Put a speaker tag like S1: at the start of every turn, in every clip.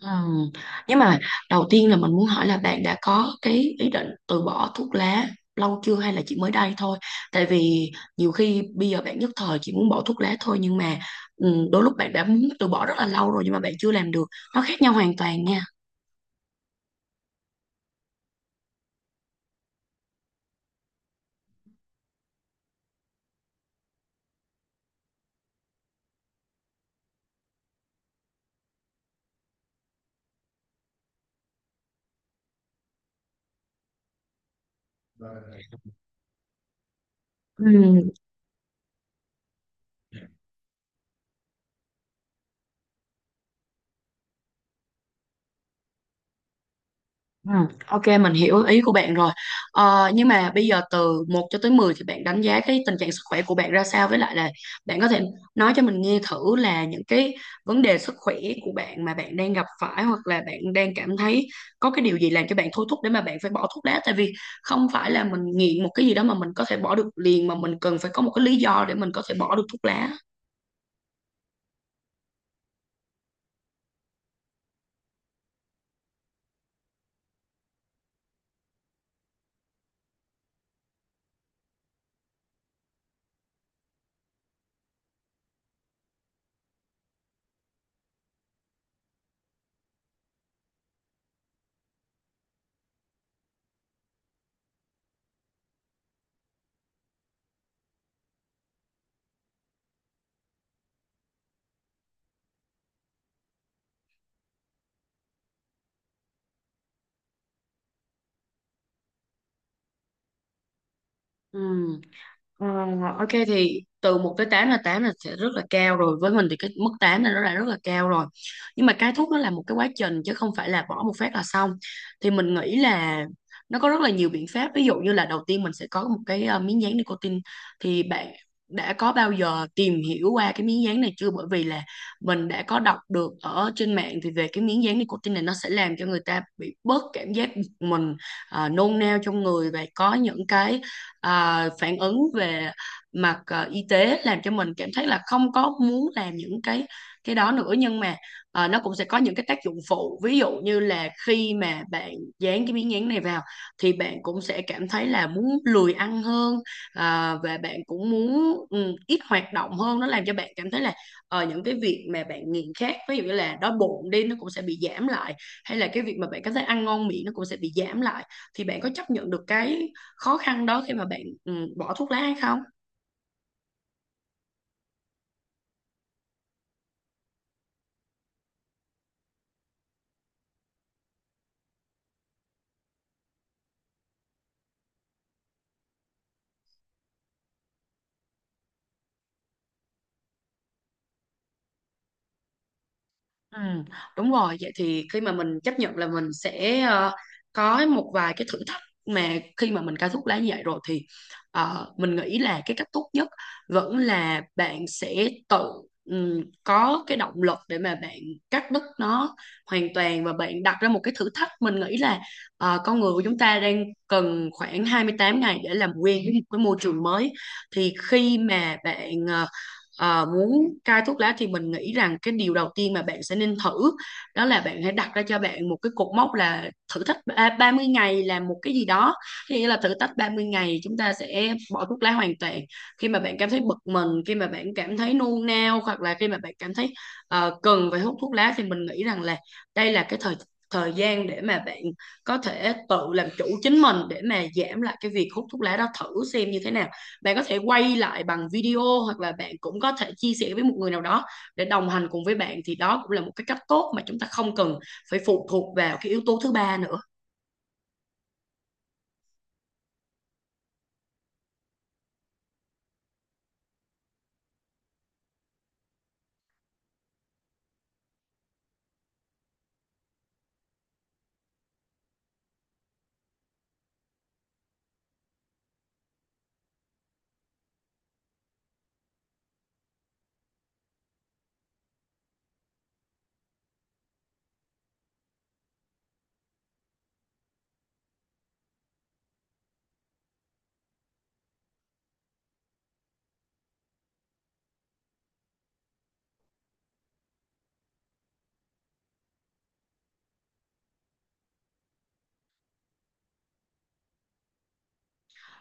S1: Ừ. Nhưng mà đầu tiên là mình muốn hỏi là bạn đã có cái ý định từ bỏ thuốc lá lâu chưa hay là chỉ mới đây thôi? Tại vì nhiều khi bây giờ bạn nhất thời chỉ muốn bỏ thuốc lá thôi, nhưng mà đôi lúc bạn đã muốn từ bỏ rất là lâu rồi nhưng mà bạn chưa làm được. Nó khác nhau hoàn toàn nha. Ừ. Ừ, ok mình hiểu ý của bạn rồi, nhưng mà bây giờ từ một cho tới 10 thì bạn đánh giá cái tình trạng sức khỏe của bạn ra sao, với lại là bạn có thể nói cho mình nghe thử là những cái vấn đề sức khỏe của bạn mà bạn đang gặp phải, hoặc là bạn đang cảm thấy có cái điều gì làm cho bạn thôi thúc để mà bạn phải bỏ thuốc lá. Tại vì không phải là mình nghiện một cái gì đó mà mình có thể bỏ được liền, mà mình cần phải có một cái lý do để mình có thể bỏ được thuốc lá. Ừ. Ờ, ok thì từ một tới tám, là 8 là sẽ rất là cao rồi. Với mình thì cái mức 8 là nó đã rất là cao rồi, nhưng mà cái thuốc nó là một cái quá trình chứ không phải là bỏ một phát là xong. Thì mình nghĩ là nó có rất là nhiều biện pháp, ví dụ như là đầu tiên mình sẽ có một cái miếng dán nicotine. Thì bạn đã có bao giờ tìm hiểu qua cái miếng dán này chưa? Bởi vì là mình đã có đọc được ở trên mạng thì về cái miếng dán nicotine này, nó sẽ làm cho người ta bị bớt cảm giác bực mình, nôn nao trong người, và có những cái phản ứng về mặt y tế, làm cho mình cảm thấy là không có muốn làm những cái đó nữa. Nhưng mà nó cũng sẽ có những cái tác dụng phụ, ví dụ như là khi mà bạn dán cái miếng dán này vào thì bạn cũng sẽ cảm thấy là muốn lười ăn hơn, và bạn cũng muốn ít hoạt động hơn. Nó làm cho bạn cảm thấy là những cái việc mà bạn nghiện khác, ví dụ như là đói bụng đi, nó cũng sẽ bị giảm lại, hay là cái việc mà bạn cảm thấy ăn ngon miệng nó cũng sẽ bị giảm lại. Thì bạn có chấp nhận được cái khó khăn đó khi mà bạn bỏ thuốc lá hay không? Ừ, đúng rồi. Vậy thì khi mà mình chấp nhận là mình sẽ có một vài cái thử thách mà khi mà mình cai thuốc lá như vậy rồi, thì mình nghĩ là cái cách tốt nhất vẫn là bạn sẽ tự có cái động lực để mà bạn cắt đứt nó hoàn toàn, và bạn đặt ra một cái thử thách. Mình nghĩ là con người của chúng ta đang cần khoảng 28 ngày để làm quen với một cái môi trường mới. Thì khi mà bạn muốn cai thuốc lá thì mình nghĩ rằng cái điều đầu tiên mà bạn sẽ nên thử đó là bạn hãy đặt ra cho bạn một cái cột mốc, là thử thách 30 ngày làm một cái gì đó. Có nghĩa là thử thách 30 ngày chúng ta sẽ bỏ thuốc lá hoàn toàn. Khi mà bạn cảm thấy bực mình, khi mà bạn cảm thấy nôn nao, hoặc là khi mà bạn cảm thấy cần phải hút thuốc lá, thì mình nghĩ rằng là đây là cái thời thời gian để mà bạn có thể tự làm chủ chính mình, để mà giảm lại cái việc hút thuốc lá đó, thử xem như thế nào. Bạn có thể quay lại bằng video hoặc là bạn cũng có thể chia sẻ với một người nào đó để đồng hành cùng với bạn, thì đó cũng là một cái cách tốt mà chúng ta không cần phải phụ thuộc vào cái yếu tố thứ ba nữa.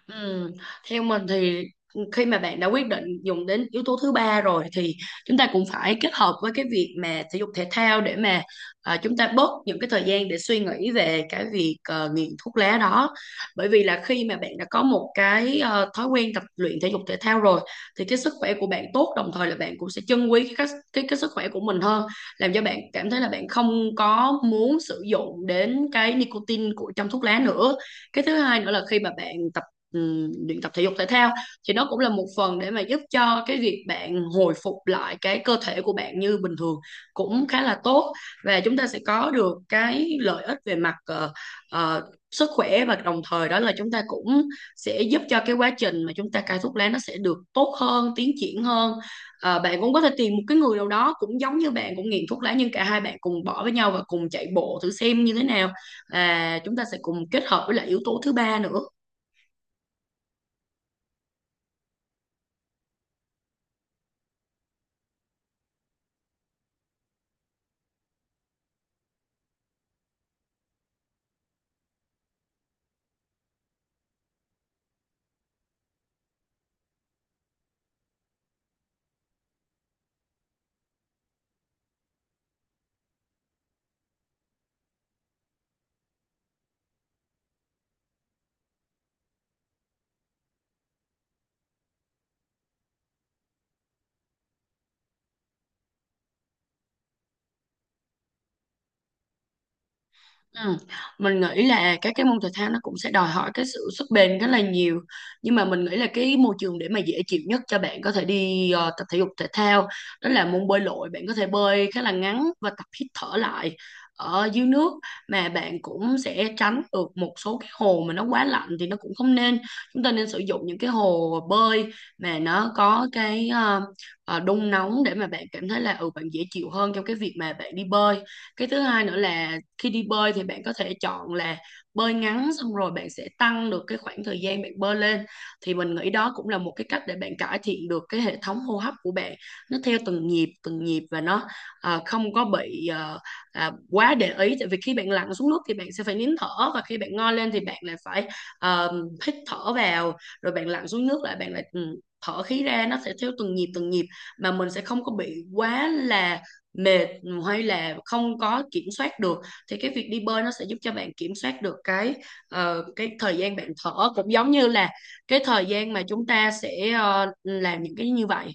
S1: Ừ. Theo mình thì khi mà bạn đã quyết định dùng đến yếu tố thứ ba rồi thì chúng ta cũng phải kết hợp với cái việc mà thể dục thể thao, để mà chúng ta bớt những cái thời gian để suy nghĩ về cái việc nghiện thuốc lá đó. Bởi vì là khi mà bạn đã có một cái thói quen tập luyện thể dục thể thao rồi thì cái sức khỏe của bạn tốt, đồng thời là bạn cũng sẽ trân quý cái cái sức khỏe của mình hơn, làm cho bạn cảm thấy là bạn không có muốn sử dụng đến cái nicotine của trong thuốc lá nữa. Cái thứ hai nữa là khi mà bạn tập luyện tập thể dục thể thao thì nó cũng là một phần để mà giúp cho cái việc bạn hồi phục lại cái cơ thể của bạn như bình thường, cũng khá là tốt. Và chúng ta sẽ có được cái lợi ích về mặt ờ, sức khỏe, và đồng thời đó là chúng ta cũng sẽ giúp cho cái quá trình mà chúng ta cai thuốc lá, nó sẽ được tốt hơn, tiến triển hơn. Bạn cũng có thể tìm một cái người nào đó cũng giống như bạn, cũng nghiện thuốc lá, nhưng cả hai bạn cùng bỏ với nhau và cùng chạy bộ thử xem như thế nào, và chúng ta sẽ cùng kết hợp với lại yếu tố thứ ba nữa. Ừ. Mình nghĩ là các cái môn thể thao nó cũng sẽ đòi hỏi cái sự sức bền rất là nhiều. Nhưng mà mình nghĩ là cái môi trường để mà dễ chịu nhất cho bạn có thể đi tập thể dục thể thao đó là môn bơi lội. Bạn có thể bơi khá là ngắn và tập hít thở lại ở dưới nước, mà bạn cũng sẽ tránh được một số cái hồ mà nó quá lạnh thì nó cũng không nên. Chúng ta nên sử dụng những cái hồ bơi mà nó có cái đun nóng để mà bạn cảm thấy là bạn dễ chịu hơn trong cái việc mà bạn đi bơi. Cái thứ hai nữa là khi đi bơi thì bạn có thể chọn là bơi ngắn, xong rồi bạn sẽ tăng được cái khoảng thời gian bạn bơi lên. Thì mình nghĩ đó cũng là một cái cách để bạn cải thiện được cái hệ thống hô hấp của bạn, nó theo từng nhịp từng nhịp, và nó không có bị quá để ý. Tại vì khi bạn lặn xuống nước thì bạn sẽ phải nín thở, và khi bạn ngoi lên thì bạn lại phải à, hít thở vào, rồi bạn lặn xuống nước lại, bạn lại thở khí ra, nó sẽ theo từng nhịp mà mình sẽ không có bị quá là mệt, hay là không có kiểm soát được. Thì cái việc đi bơi nó sẽ giúp cho bạn kiểm soát được cái thời gian bạn thở, cũng giống như là cái thời gian mà chúng ta sẽ làm những cái như vậy.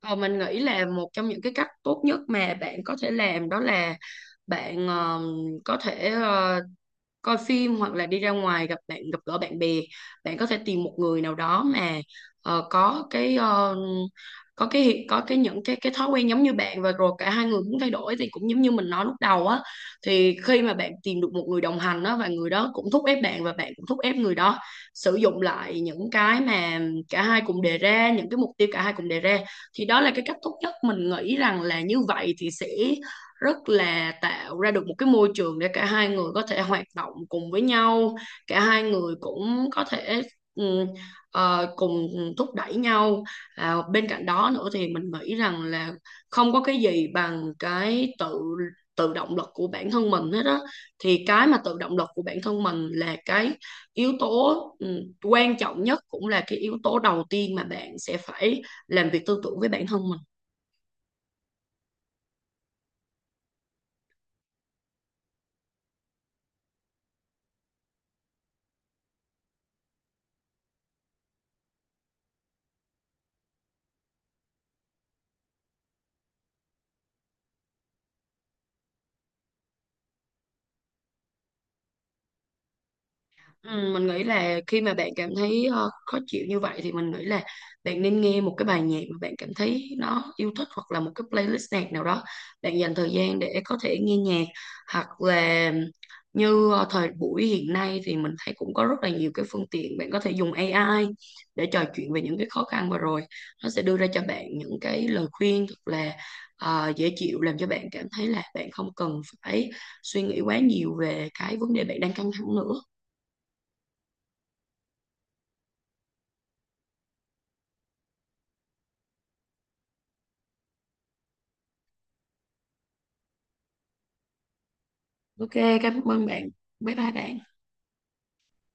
S1: Ờ, mình nghĩ là một trong những cái cách tốt nhất mà bạn có thể làm đó là bạn có thể coi phim, hoặc là đi ra ngoài gặp gỡ bạn bè. Bạn có thể tìm một người nào đó mà có cái có cái những cái thói quen giống như bạn, và rồi cả hai người muốn thay đổi, thì cũng giống như mình nói lúc đầu á. Thì khi mà bạn tìm được một người đồng hành á, và người đó cũng thúc ép bạn và bạn cũng thúc ép người đó sử dụng lại những cái mà cả hai cùng đề ra, những cái mục tiêu cả hai cùng đề ra, thì đó là cái cách tốt nhất. Mình nghĩ rằng là như vậy thì sẽ rất là tạo ra được một cái môi trường để cả hai người có thể hoạt động cùng với nhau, cả hai người cũng có thể ừ, cùng thúc đẩy nhau. Bên cạnh đó nữa thì mình nghĩ rằng là không có cái gì bằng cái tự tự động lực của bản thân mình hết á. Thì cái mà tự động lực của bản thân mình là cái yếu tố quan trọng nhất, cũng là cái yếu tố đầu tiên mà bạn sẽ phải làm việc tư tưởng với bản thân mình. Ừ, mình nghĩ là khi mà bạn cảm thấy khó chịu như vậy thì mình nghĩ là bạn nên nghe một cái bài nhạc mà bạn cảm thấy nó yêu thích, hoặc là một cái playlist nhạc nào đó. Bạn dành thời gian để có thể nghe nhạc, hoặc là như thời buổi hiện nay thì mình thấy cũng có rất là nhiều cái phương tiện. Bạn có thể dùng AI để trò chuyện về những cái khó khăn vừa rồi, nó sẽ đưa ra cho bạn những cái lời khuyên thật là dễ chịu, làm cho bạn cảm thấy là bạn không cần phải suy nghĩ quá nhiều về cái vấn đề bạn đang căng thẳng nữa. Ok, cảm ơn bạn. Bye bye bạn.